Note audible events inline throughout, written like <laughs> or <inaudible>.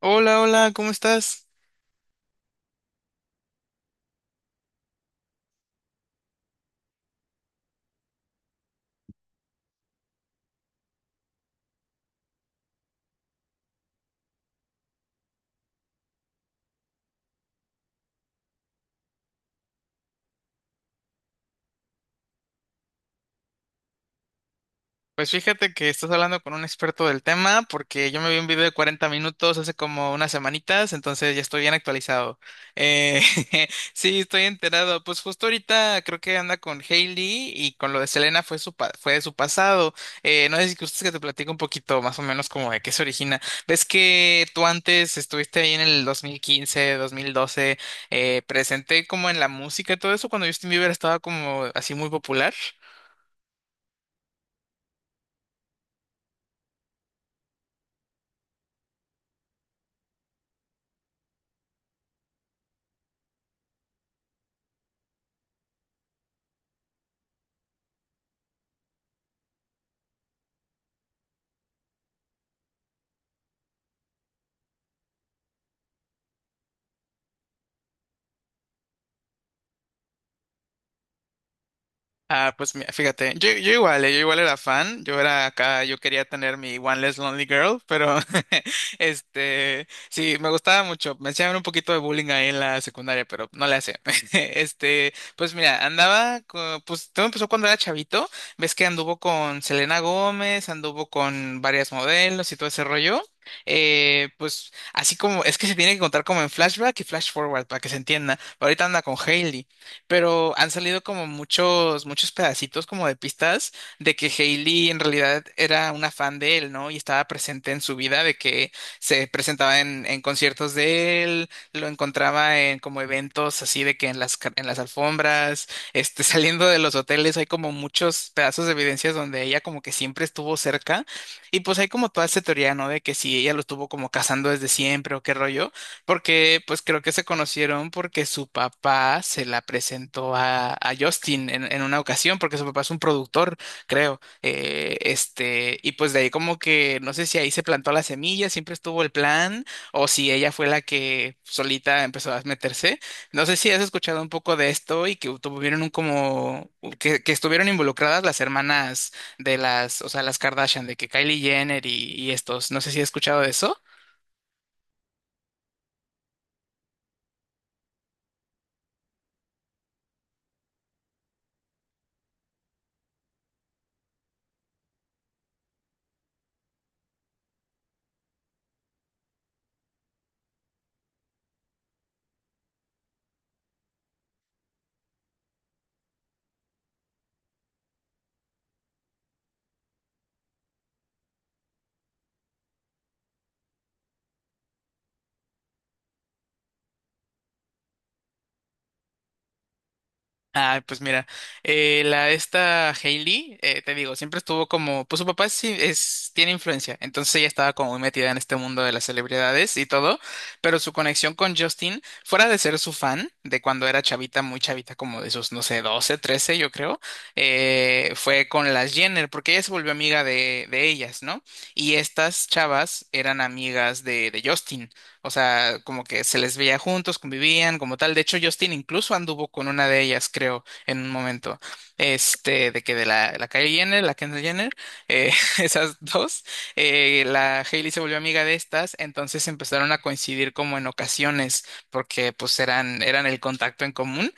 Hola, hola, ¿cómo estás? Pues fíjate que estás hablando con un experto del tema porque yo me vi un video de 40 minutos hace como unas semanitas, entonces ya estoy bien actualizado. Eh, <laughs> sí, estoy enterado. Pues justo ahorita creo que anda con Hailey y con lo de Selena fue de su pasado. No sé si gustas que te platico un poquito más o menos como de qué se origina. Ves que tú antes estuviste ahí en el 2015, 2012, presente como en la música y todo eso cuando Justin Bieber estaba como así muy popular. Ah, pues mira, fíjate, yo igual, yo igual era fan, yo era acá, yo quería tener mi One Less Lonely Girl, pero <laughs> este, sí, me gustaba mucho, me hacían un poquito de bullying ahí en la secundaria, pero no le hacía. <laughs> Este, pues mira, pues todo empezó cuando era chavito, ves que anduvo con Selena Gómez, anduvo con varias modelos y todo ese rollo. Pues así como es que se tiene que contar como en flashback y flash forward para que se entienda. Ahorita anda con Hailey pero han salido como muchos, muchos pedacitos como de pistas de que Hailey en realidad era una fan de él, ¿no? Y estaba presente en su vida, de que se presentaba en conciertos de él, lo encontraba en como eventos así de que en las alfombras, este, <laughs> saliendo de los hoteles, hay como muchos pedazos de evidencias donde ella como que siempre estuvo cerca. Y pues hay como toda esta teoría, ¿no? De que si ella lo estuvo como cazando desde siempre o qué rollo. Porque pues creo que se conocieron porque su papá se la presentó a Justin en una ocasión, porque su papá es un productor, creo. Este, y pues de ahí como que no sé si ahí se plantó la semilla, siempre estuvo el plan, o si ella fue la que solita empezó a meterse. No sé si has escuchado un poco de esto y que tuvieron un como que estuvieron involucradas las hermanas de las, o sea, las Kardashian, de que Kylie Jenner y estos. No sé si has escuchado de eso. Ah, pues mira, la esta Hailey, te digo, siempre estuvo como, pues su papá sí es, tiene influencia, entonces ella estaba como muy metida en este mundo de las celebridades y todo, pero su conexión con Justin, fuera de ser su fan, de cuando era chavita, muy chavita, como de sus, no sé, 12 13 yo creo, fue con las Jenner, porque ella se volvió amiga de ellas, ¿no? Y estas chavas eran amigas de Justin. O sea, como que se les veía juntos, convivían, como tal. De hecho, Justin incluso anduvo con una de ellas, creo, en un momento. Este, de que de la Kylie Jenner, la Kendall Jenner, eh, <laughs> esas dos, la Hailey se volvió amiga de estas, entonces empezaron a coincidir como en ocasiones, porque eran el contacto en común.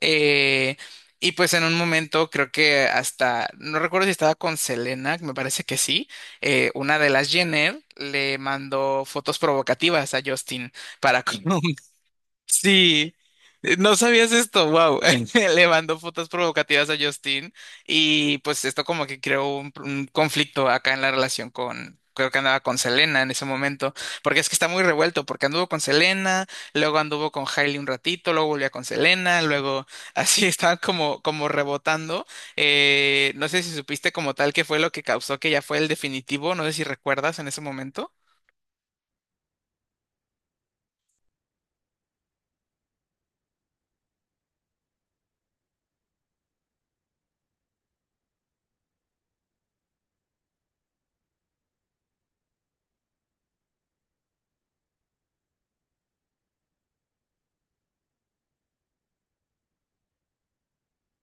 Eh, y pues en un momento creo que hasta, no recuerdo si estaba con Selena, me parece que sí. Una de las Jenner le mandó fotos provocativas a Justin para, <laughs> como. Sí, no sabías esto, wow. <laughs> Le mandó fotos provocativas a Justin y pues esto como que creó un conflicto acá en la relación con, creo que andaba con Selena en ese momento, porque es que está muy revuelto, porque anduvo con Selena, luego anduvo con Hailey un ratito, luego volvió con Selena, luego así <laughs> estaban como, como rebotando. No sé si supiste como tal qué fue lo que causó que ya fue el definitivo, no sé si recuerdas en ese momento.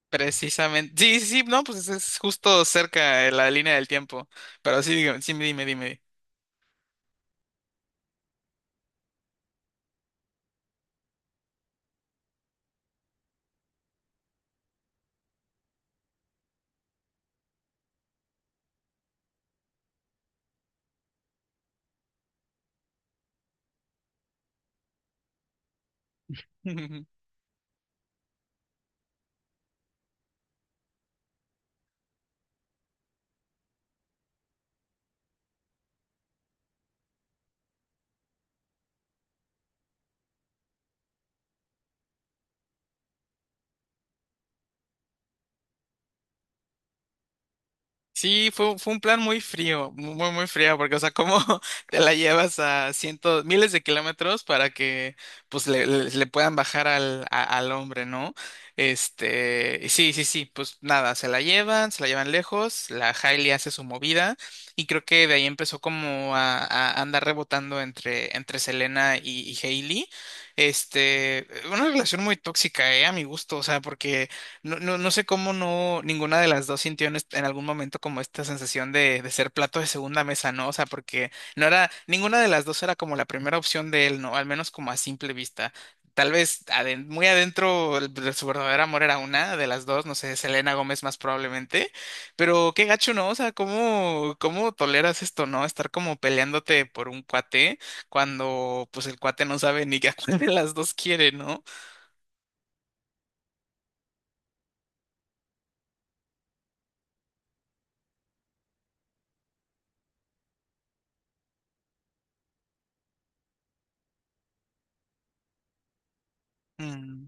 Precisamente. Sí, sí, sí, no, pues es justo cerca de la línea del tiempo. Pero sí, dígame, sí, dime, dime. <laughs> Sí, fue un plan muy frío, muy, muy frío, porque, o sea, ¿cómo <laughs> te la llevas a cientos, miles de kilómetros para que, pues, le puedan bajar al, al hombre, ¿no? Este, y sí, sí, sí, pues nada, se la llevan lejos, la Hailey hace su movida, y creo que de ahí empezó como a andar rebotando entre Selena y Hailey. Este, una relación muy tóxica, a mi gusto, o sea, porque no sé cómo no ninguna de las dos sintió en algún momento como esta sensación de ser plato de segunda mesa, ¿no? O sea, porque no era, ninguna de las dos era como la primera opción de él, ¿no? Al menos como a simple vista. Muy adentro de su verdadero amor era una de las dos, no sé, Selena Gómez más probablemente, pero qué gacho, ¿no? O sea, ¿cómo toleras esto, ¿no? Estar como peleándote por un cuate cuando pues el cuate no sabe ni a cuál de las dos quiere, ¿no? Mm.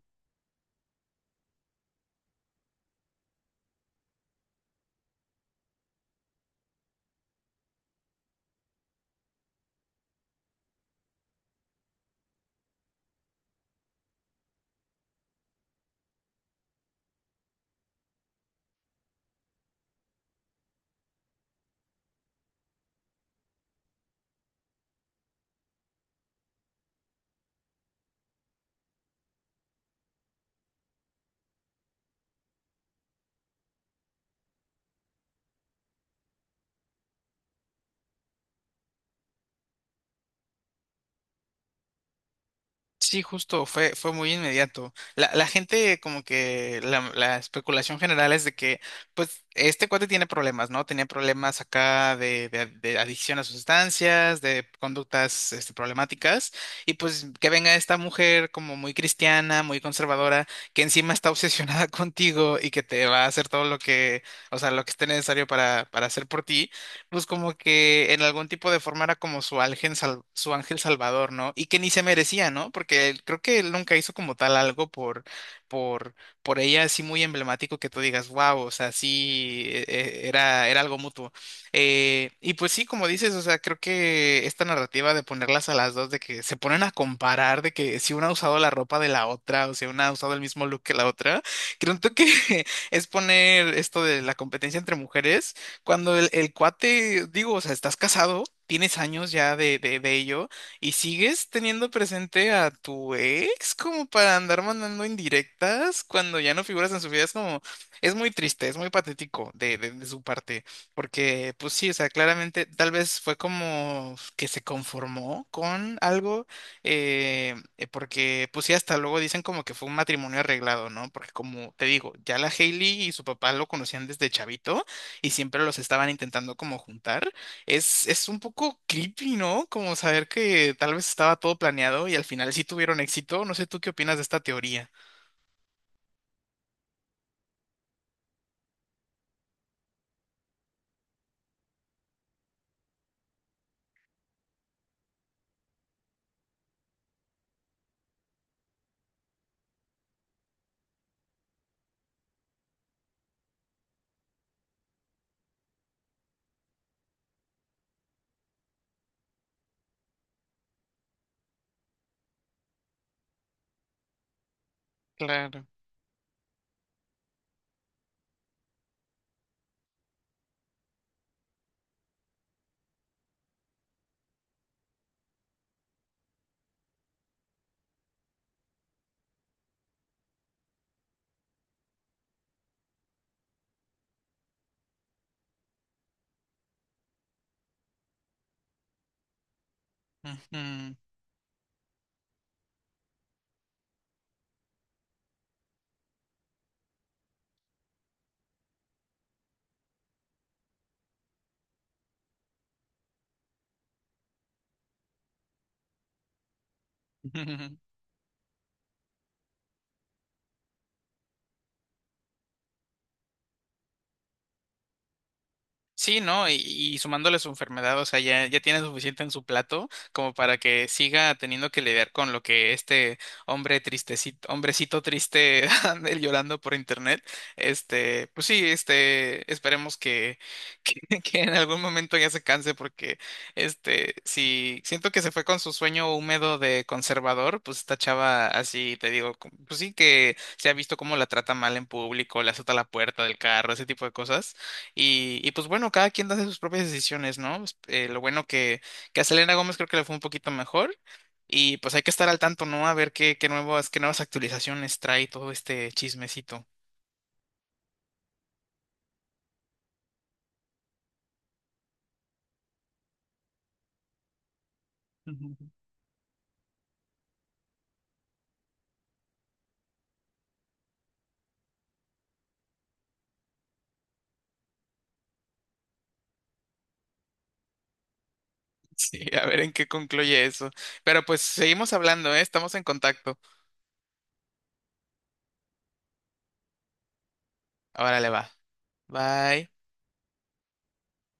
Sí, justo, fue muy inmediato. La gente, como que la especulación general es de que, pues, este cuate tiene problemas, ¿no? Tenía problemas acá de adicción a sustancias, de conductas, este, problemáticas, y pues que venga esta mujer como muy cristiana, muy conservadora, que encima está obsesionada <laughs> contigo y que te va a hacer todo lo que, o sea, lo que esté necesario para hacer por ti pues como que en algún tipo de forma era como su ángel, su ángel salvador, ¿no? Y que ni se merecía, ¿no? Porque creo que él nunca hizo como tal algo por, por ella así muy emblemático que tú digas, wow, o sea, sí, era algo mutuo. Y pues sí, como dices, o sea, creo que esta narrativa de ponerlas a las dos, de que se ponen a comparar, de que si una ha usado la ropa de la otra, o si una ha usado el mismo look que la otra, creo que <laughs> es poner esto de la competencia entre mujeres cuando el cuate, digo, o sea, estás casado, tienes años ya de ello y sigues teniendo presente a tu ex como para andar mandando indirectas cuando ya no figuras en su vida. Es como, es muy triste, es muy patético de su parte, porque pues sí, o sea, claramente tal vez fue como que se conformó con algo, porque pues sí, hasta luego dicen como que fue un matrimonio arreglado, ¿no? Porque como te digo, ya la Hailey y su papá lo conocían desde chavito y siempre los estaban intentando como juntar. Es un poco creepy, ¿no? Como saber que tal vez estaba todo planeado y al final sí tuvieron éxito. No sé tú qué opinas de esta teoría. Claro. Ujú. <laughs> Sí, ¿no? Y sumándole su enfermedad, o sea, ya tiene suficiente en su plato como para que siga teniendo que lidiar con lo que este hombre tristecito, hombrecito triste <laughs> anda llorando por internet. Este, pues sí, este, esperemos que, <laughs> que en algún momento ya se canse porque, este, si siento que se fue con su sueño húmedo de conservador, pues esta chava así, te digo, pues sí que se ha visto cómo la trata mal en público, le azota la puerta del carro, ese tipo de cosas. Y pues bueno, cada quien hace sus propias decisiones, ¿no? Pues, lo bueno que a Selena Gómez creo que le fue un poquito mejor. Y pues hay que estar al tanto, ¿no? A ver qué nuevas actualizaciones trae todo este chismecito. Ujú. <laughs> Sí, a ver en qué concluye eso. Pero pues seguimos hablando, ¿eh? Estamos en contacto. Ahora le va. Bye.